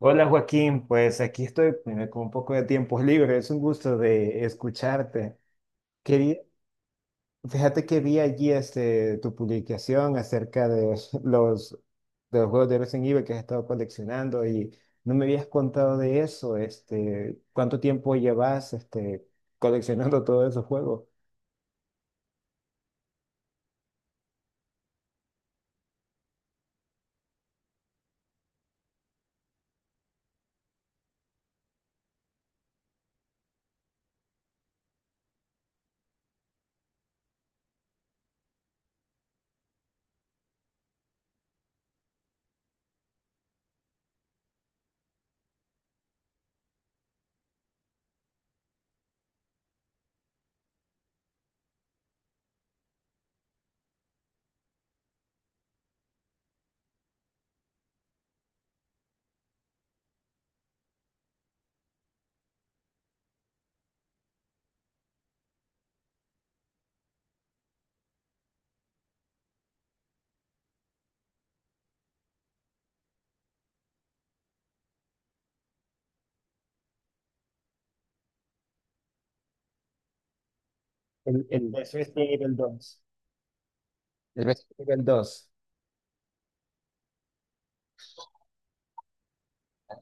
Hola Joaquín, pues aquí estoy, con un poco de tiempos libres. Es un gusto de escucharte. Quería, Fíjate que vi allí, tu publicación acerca de los, de los juegos de Resident Evil que has estado coleccionando. Y no me habías contado de eso. ¿Cuánto tiempo llevas, coleccionando todos esos juegos? El de Resident Evil 2. El Resident Evil 2.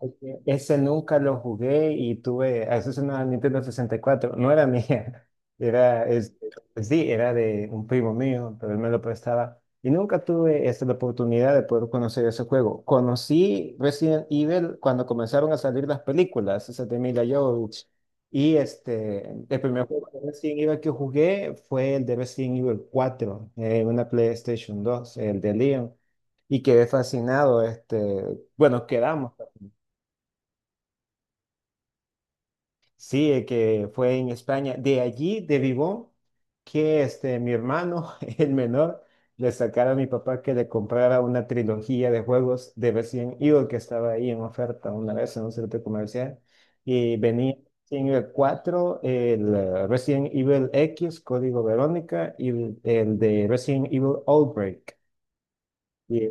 Porque ese nunca lo jugué, a eso es una Nintendo 64. No era mía, era, es, sí, era de un primo mío, pero él me lo prestaba. Y nunca tuve, la oportunidad de poder conocer ese juego. Conocí Resident Evil cuando comenzaron a salir las películas, esas de Mila Jovovich. Y el primer juego de Resident Evil que jugué fue el de Resident Evil 4, una PlayStation 2, el de Leon, y quedé fascinado. Bueno, quedamos. Sí, que fue en España. De allí, de Vivón, que mi hermano, el menor, le sacara a mi papá que le comprara una trilogía de juegos de Resident Evil que estaba ahí en oferta una vez en un centro comercial. Y venía Resident Evil 4, el Resident Evil X, Código Verónica, y el de Resident Evil Outbreak. Y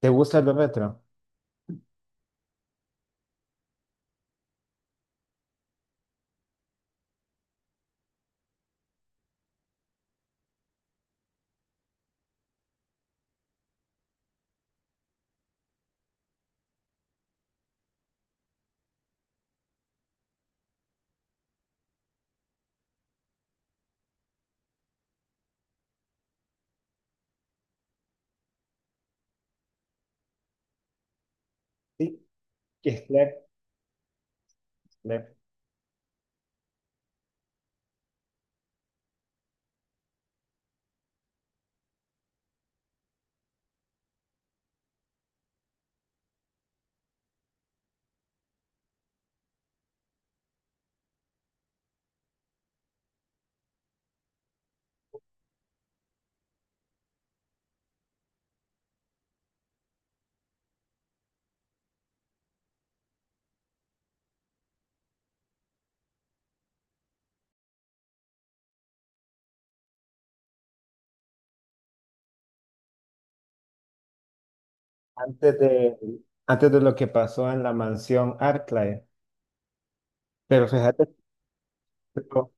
¿te gusta lo retro? Sí, que es claro, claro. Antes de, antes de lo que pasó en la mansión Arclight. Pero fíjate, pero,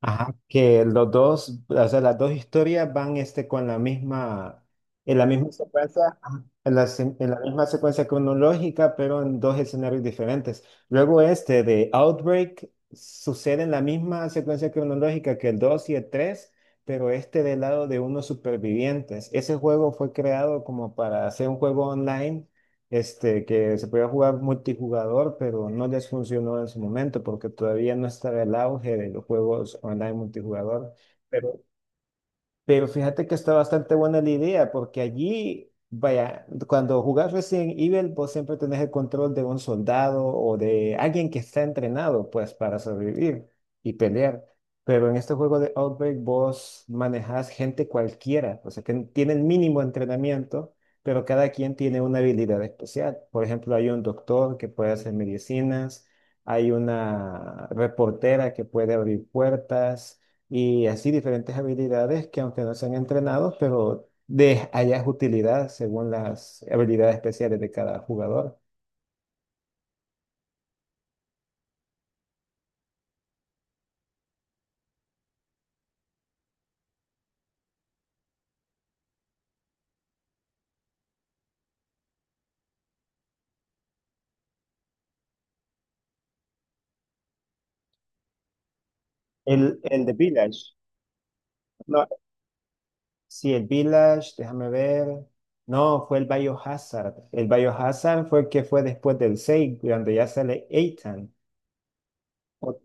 ajá, que los dos, o sea, las dos historias van, con en la misma secuencia, ajá, en la misma secuencia cronológica, pero en dos escenarios diferentes. Luego este de Outbreak sucede en la misma secuencia cronológica que el 2 y el 3, pero este del lado de unos supervivientes. Ese juego fue creado como para hacer un juego online, que se podía jugar multijugador, pero no les funcionó en su momento porque todavía no estaba el auge de los juegos online multijugador. Pero pero fíjate que está bastante buena la idea, porque allí, vaya, cuando jugás Resident Evil, vos siempre tenés el control de un soldado o de alguien que está entrenado, pues, para sobrevivir y pelear. Pero en este juego de Outbreak, vos manejás gente cualquiera, o sea, que tiene el mínimo entrenamiento, pero cada quien tiene una habilidad especial. Por ejemplo, hay un doctor que puede hacer medicinas, hay una reportera que puede abrir puertas, y así diferentes habilidades que aunque no sean entrenados, pero de allá es utilidad según las habilidades especiales de cada jugador. El de Village. No, sí, el Village, déjame ver. No, fue el Biohazard. El Biohazard fue el que fue después del 6 cuando ya sale Ethan. O-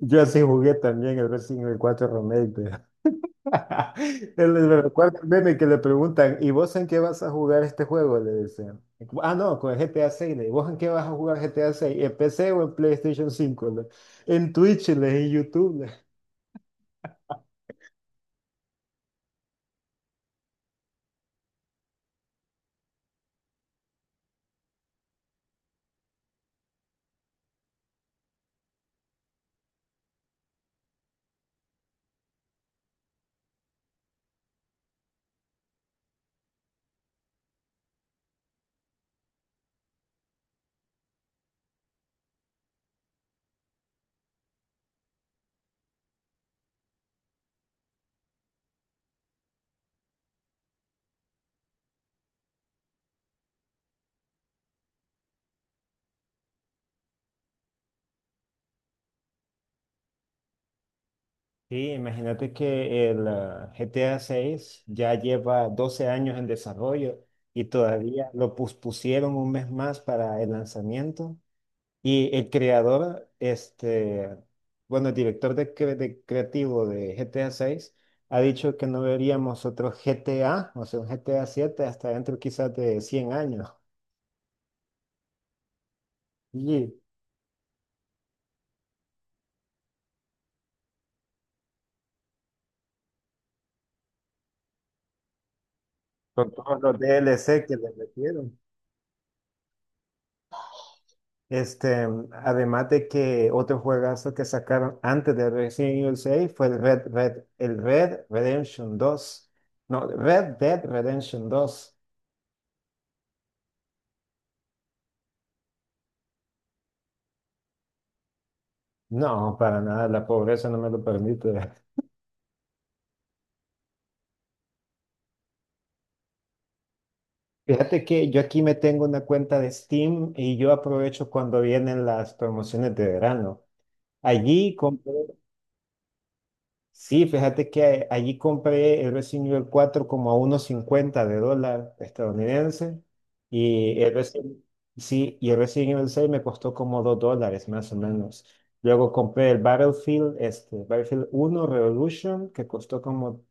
Yo así jugué también el Resident Evil 4 Remake. Recuerda el meme que le preguntan, ¿y vos en qué vas a jugar este juego? Le dicen. Ah, no, con el GTA 6. Le digo, ¿vos en qué vas a jugar GTA 6? ¿En PC o en PlayStation 5? Le. ¿En Twitch? Le. ¿En YouTube? Le. Sí, imagínate que GTA 6 ya lleva 12 años en desarrollo, y todavía lo pospusieron un mes más para el lanzamiento. Y el director de creativo de GTA 6 ha dicho que no veríamos otro GTA, o sea, un GTA 7 hasta dentro quizás de 100 años. Y con todos los DLC que le metieron. Este, Además de que otro juegazo que sacaron antes de Resident Evil 6 fue el Red Redemption 2. No, Red Dead Redemption 2. No, para nada, la pobreza no me lo permite. Fíjate que yo aquí me tengo una cuenta de Steam, y yo aprovecho cuando vienen las promociones de verano. Allí compro. Sí, fíjate que allí compré el Resident Evil cuatro como a 1,50 de dólar estadounidense, y el Resident, sí, y el Resident Evil 6 me costó como $2 más o menos. Luego compré el Battlefield, Battlefield 1 Revolution, que costó como,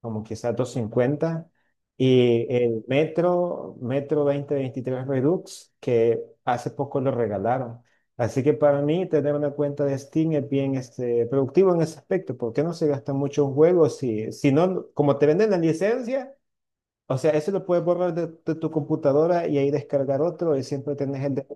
como quizás 2,50, y el Metro 2023 Redux, que hace poco lo regalaron. Así que para mí tener una cuenta de Steam es bien, productivo en ese aspecto, porque no se gastan muchos juegos, si no, como te venden la licencia, o sea, eso lo puedes borrar de tu computadora, y ahí descargar otro, y siempre tenés el de...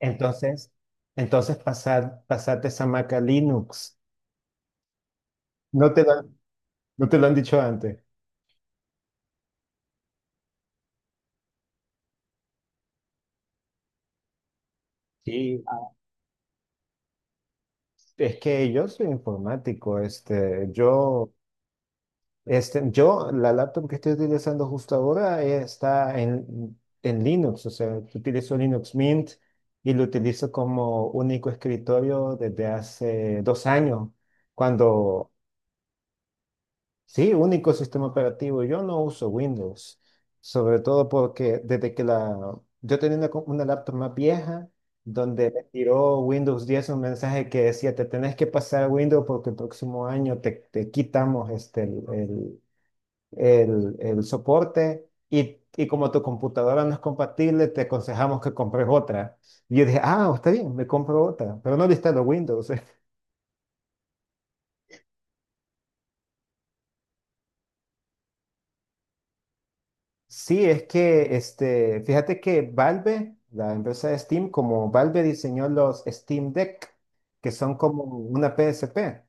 Entonces, entonces, pasarte esa maca Linux. No te lo, han- no te lo han dicho antes. Sí, es que yo soy informático. La laptop que estoy utilizando justo ahora, está en Linux, o sea, utilizo Linux Mint, y lo utilizo como único escritorio desde hace 2 años, cuando, sí, único sistema operativo. Yo no uso Windows, sobre todo porque yo tenía una laptop más vieja, donde me tiró Windows 10 un mensaje que decía, te tenés que pasar a Windows porque el próximo año te quitamos, el soporte, y como tu computadora no es compatible, te aconsejamos que compres otra. Y yo dije, ah, está bien, me compro otra, pero no los Windows. Sí, es que, fíjate que Valve, la empresa de Steam, como Valve diseñó los Steam Deck, que son como una PSP.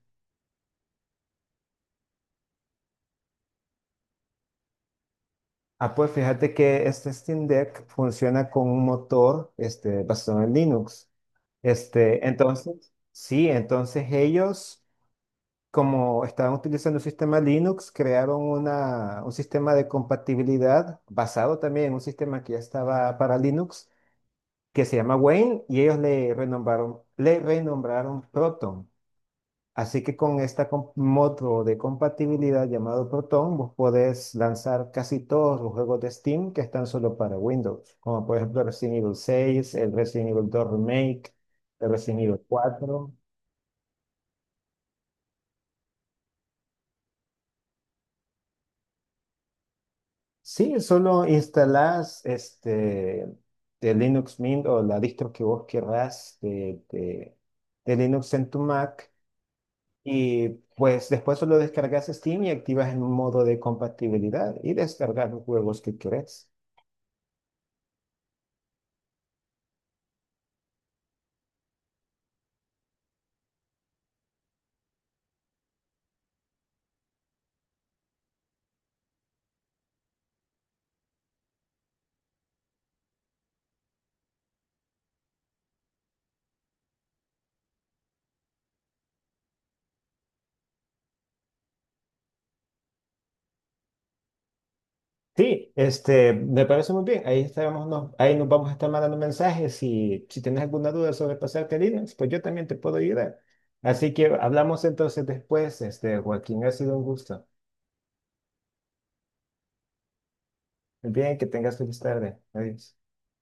Ah, pues fíjate que este Steam Deck funciona con un motor, basado en Linux. Entonces, sí, entonces ellos, como estaban utilizando un sistema Linux, crearon un sistema de compatibilidad basado también en un sistema que ya estaba para Linux, que se llama Wayne, y ellos le renombraron Proton. Así que con este modo de compatibilidad llamado Proton, vos podés lanzar casi todos los juegos de Steam que están solo para Windows, como por ejemplo Resident Evil 6, el Resident Evil 2 Remake, el Resident Evil 4. Sí, solo instalás, de Linux Mint o la distro que vos querrás de Linux en tu Mac, y pues después solo descargas Steam y activas el modo de compatibilidad y descargas los juegos que querés. Sí, me parece muy bien. Ahí estaremos, ahí nos vamos a estar mandando mensajes, y si tienes alguna duda sobre pasarte a Linux, pues yo también te puedo ayudar. Así que hablamos entonces después, Joaquín. Ha sido un gusto. Bien, que tengas feliz tarde. Adiós.